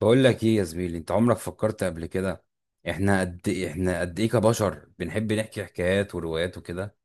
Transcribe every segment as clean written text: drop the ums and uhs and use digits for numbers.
بقول لك ايه يا زميلي، انت عمرك فكرت قبل كده؟ احنا قد ايه كبشر بنحب نحكي حكايات وروايات وكده.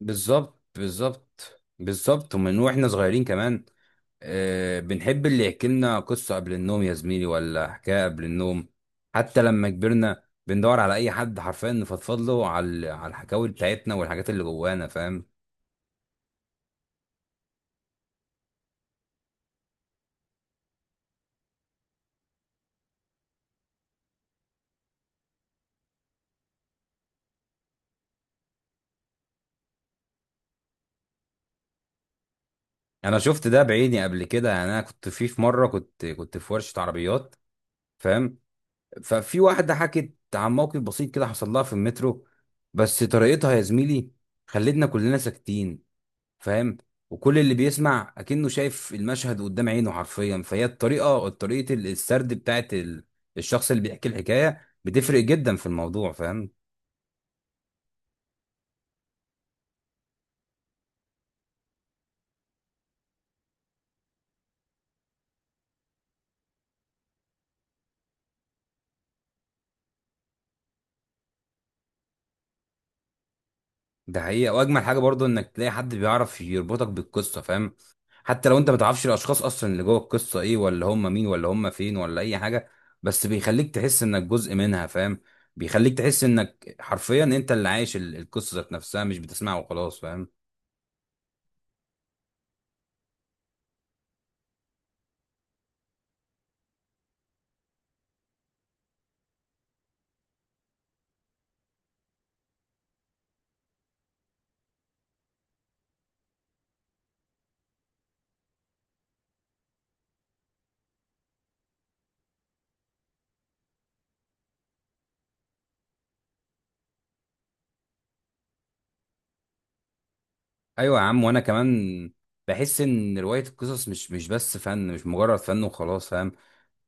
بالظبط بالظبط بالظبط، ومن واحنا صغيرين كمان آه، بنحب اللي يحكي لنا قصة قبل النوم يا زميلي، ولا حكاية قبل النوم. حتى لما كبرنا بندور على اي حد حرفيا نفضفض له على الحكاوي بتاعتنا والحاجات اللي جوانا، فاهم. انا شفت ده بعيني قبل كده، يعني انا كنت في مرة، كنت في ورشة عربيات، فاهم. ففي واحدة حكت عن موقف بسيط كده حصل لها في المترو، بس طريقتها يا زميلي خلتنا كلنا ساكتين، فاهم. وكل اللي بيسمع أكنه شايف المشهد قدام عينه حرفيا. فهي الطريقة، طريقة السرد بتاعت الشخص اللي بيحكي الحكاية، بتفرق جدا في الموضوع، فاهم. ده حقيقة، وأجمل حاجة برضو إنك تلاقي حد بيعرف يربطك بالقصة، فاهم. حتى لو انت ما تعرفش الاشخاص اصلا اللي جوه القصه ايه، ولا هم مين، ولا هم فين، ولا اي حاجه، بس بيخليك تحس انك جزء منها، فاهم. بيخليك تحس انك حرفيا انت اللي عايش القصه ذات نفسها، مش بتسمعها وخلاص، فاهم. ايوه يا عم، وانا كمان بحس ان روايه القصص مش بس فن، مش مجرد فن وخلاص، فاهم.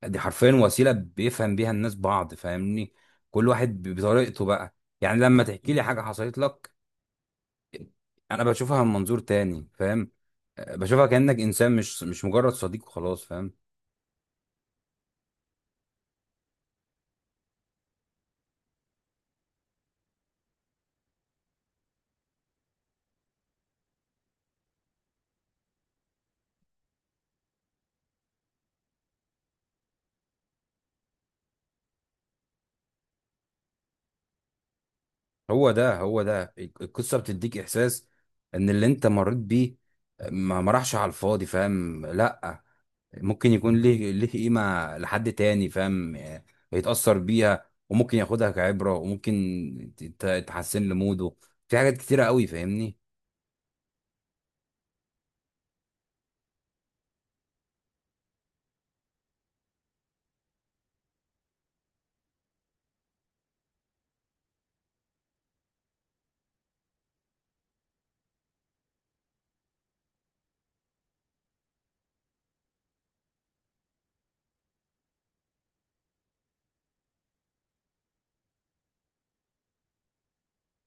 دي حرفيا وسيله بيفهم بيها الناس بعض، فاهمني. كل واحد بطريقته بقى. يعني لما تحكي لي حاجه حصلت لك، انا بشوفها من منظور تاني، فاهم. آه، بشوفها كأنك انسان، مش مجرد صديق وخلاص، فاهم. هو ده، هو ده، القصة بتديك احساس ان اللي انت مريت بيه ما راحش على الفاضي، فاهم. لا، ممكن يكون ليه قيمة لحد تاني، فاهم. آه، يتأثر بيها، وممكن ياخدها كعبرة، وممكن تحسن له موده. في حاجات كتيرة قوي، فاهمني.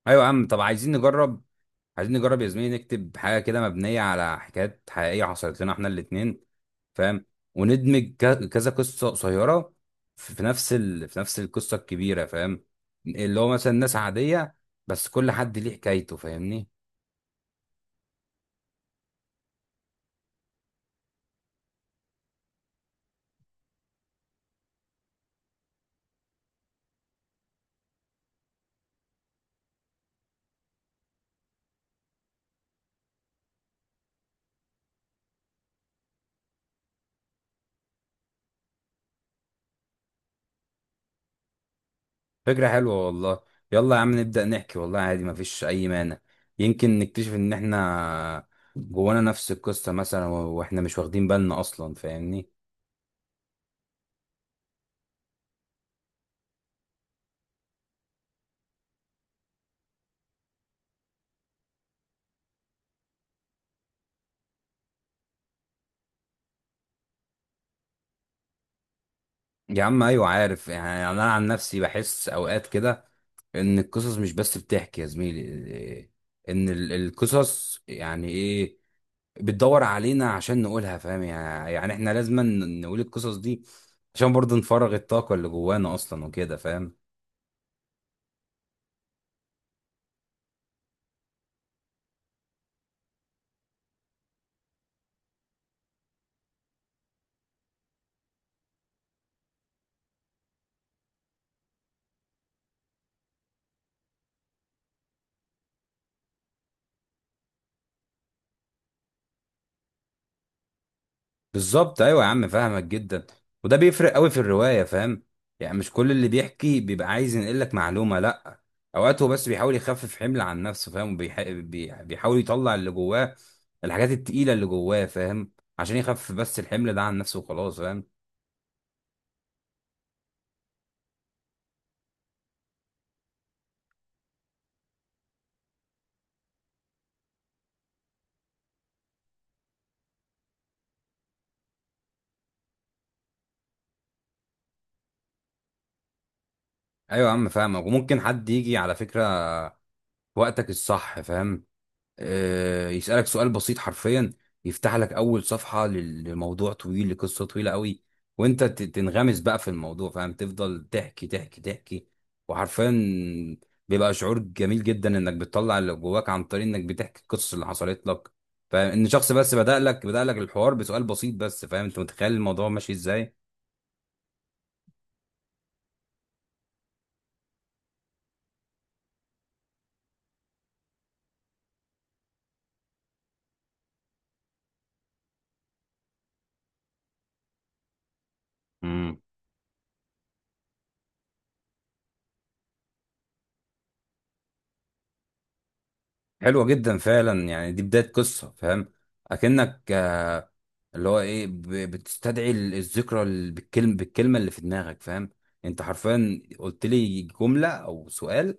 ايوه يا عم، طب عايزين نجرب. عايزين نجرب يا زميلي نكتب حاجه كده مبنيه على حكايات حقيقيه حصلت لنا احنا الاثنين، فاهم. وندمج كذا قصه قصيره في في نفس القصه الكبيره، فاهم. اللي هو مثلا ناس عاديه، بس كل حد ليه حكايته، فاهمني. فكره حلوه والله. يلا يا عم، نبدا نحكي، والله عادي، مفيش اي مانع. يمكن نكتشف ان احنا جوانا نفس القصه مثلا، واحنا مش واخدين بالنا اصلا، فاهمني. يا عم ايوه، عارف يعني، انا عن نفسي بحس اوقات كده ان القصص مش بس بتحكي يا زميلي إيه، ان القصص يعني ايه، بتدور علينا عشان نقولها، فاهم. يعني احنا لازم نقول القصص دي عشان برضه نفرغ الطاقة اللي جوانا اصلا وكده، فاهم. بالظبط ايوه يا عم، فاهمك جدا. وده بيفرق قوي في الروايه، فاهم. يعني مش كل اللي بيحكي بيبقى عايز ينقل لك معلومه. لا، اوقات هو بس بيحاول يخفف حمل عن نفسه، فاهم. بيحاول يطلع اللي جواه، الحاجات التقيله اللي جواه، فاهم، عشان يخفف بس الحمل ده عن نفسه وخلاص، فاهم. ايوه يا عم، فاهمك. وممكن حد يجي على فكره في وقتك الصح، فاهم، آه، يسألك سؤال بسيط حرفيا، يفتح لك أول صفحة لموضوع طويل، لقصة طويلة قوي، وأنت تنغمس بقى في الموضوع، فاهم، تفضل تحكي تحكي تحكي. وحرفيا بيبقى شعور جميل جدا إنك بتطلع اللي جواك عن طريق إنك بتحكي القصص اللي حصلت لك. فإن شخص بس بدأ لك الحوار بسؤال بسيط بس، فاهم، أنت متخيل الموضوع ماشي إزاي؟ مم. حلوة جدا فعلا، يعني دي بداية قصة، فاهم. أكنك اللي هو ايه، بتستدعي الذكرى بالكلمه اللي في دماغك، فاهم. انت حرفيا قلت لي جمله او سؤال،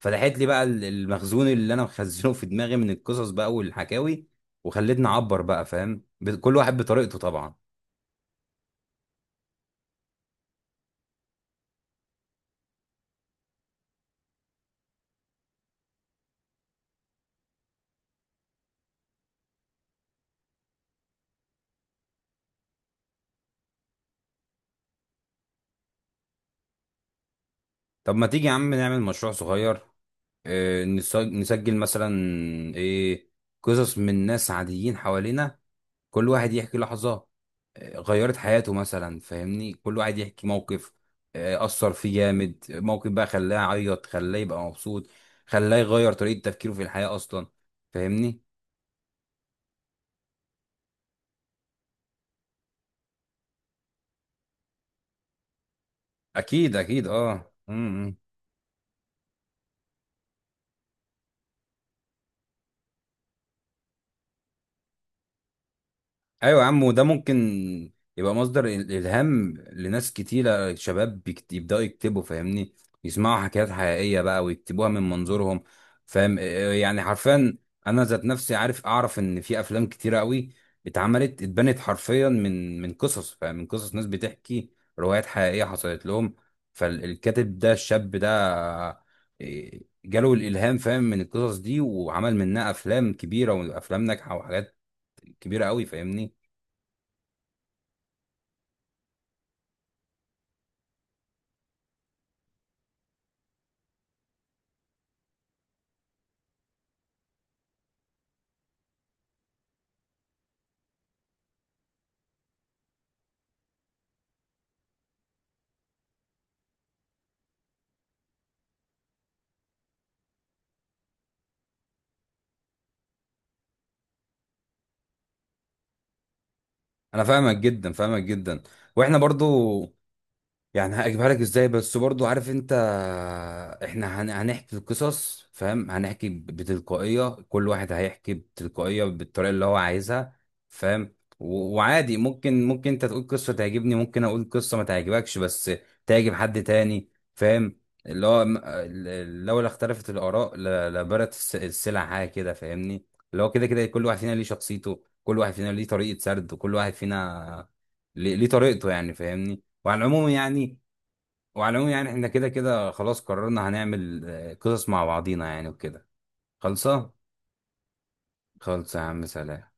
فتحت لي بقى المخزون اللي انا مخزنه في دماغي من القصص بقى والحكاوي، وخلتني اعبر بقى، فاهم، كل واحد بطريقته طبعا. طب ما تيجي يا عم نعمل مشروع صغير. اه، نسجل مثلا ايه، قصص من ناس عاديين حوالينا. كل واحد يحكي لحظة آه، غيرت حياته مثلا، فاهمني. كل واحد يحكي موقف آه، أثر فيه جامد، موقف بقى خلاه يعيط، خلاه يبقى مبسوط، خلاه يغير طريقة تفكيره في الحياة أصلا، فاهمني. أكيد أكيد، أه. مم. ايوه يا عم، وده ممكن يبقى مصدر الهام لناس كتيره. شباب يبداوا يكتبوا، فاهمني، يسمعوا حكايات حقيقيه بقى ويكتبوها من منظورهم، فاهم إيه يعني. حرفيا انا ذات نفسي عارف، اعرف ان في افلام كتيره قوي اتعملت، اتبنت حرفيا من قصص، فاهم، من قصص ناس بتحكي روايات حقيقيه حصلت لهم. فالكاتب ده، الشاب ده، إيه، جاله الالهام، فاهم، من القصص دي، وعمل منها افلام كبيره، وافلام ناجحه، وحاجات كبيره قوي، فاهمني. انا فاهمك جدا، فاهمك جدا. واحنا برضو، يعني هجيبها لك ازاي، بس برضو عارف انت، احنا هنحكي القصص، فاهم، هنحكي بتلقائية. كل واحد هيحكي بتلقائية بالطريقة اللي هو عايزها، فاهم. وعادي، ممكن انت تقول قصة تعجبني، ممكن اقول قصة ما تعجبكش بس تعجب حد تاني، فاهم. اللي هو لولا اختلفت الآراء لبارت السلع، حاجة كده، فاهمني. اللي هو كده كده كل واحد فينا ليه شخصيته، كل واحد فينا ليه طريقة سرد، وكل واحد فينا ليه طريقته، يعني فاهمني. وعلى العموم يعني، احنا كده كده خلاص قررنا هنعمل آه، قصص مع بعضينا يعني وكده. خلصة. خلصة يا عم، سلام.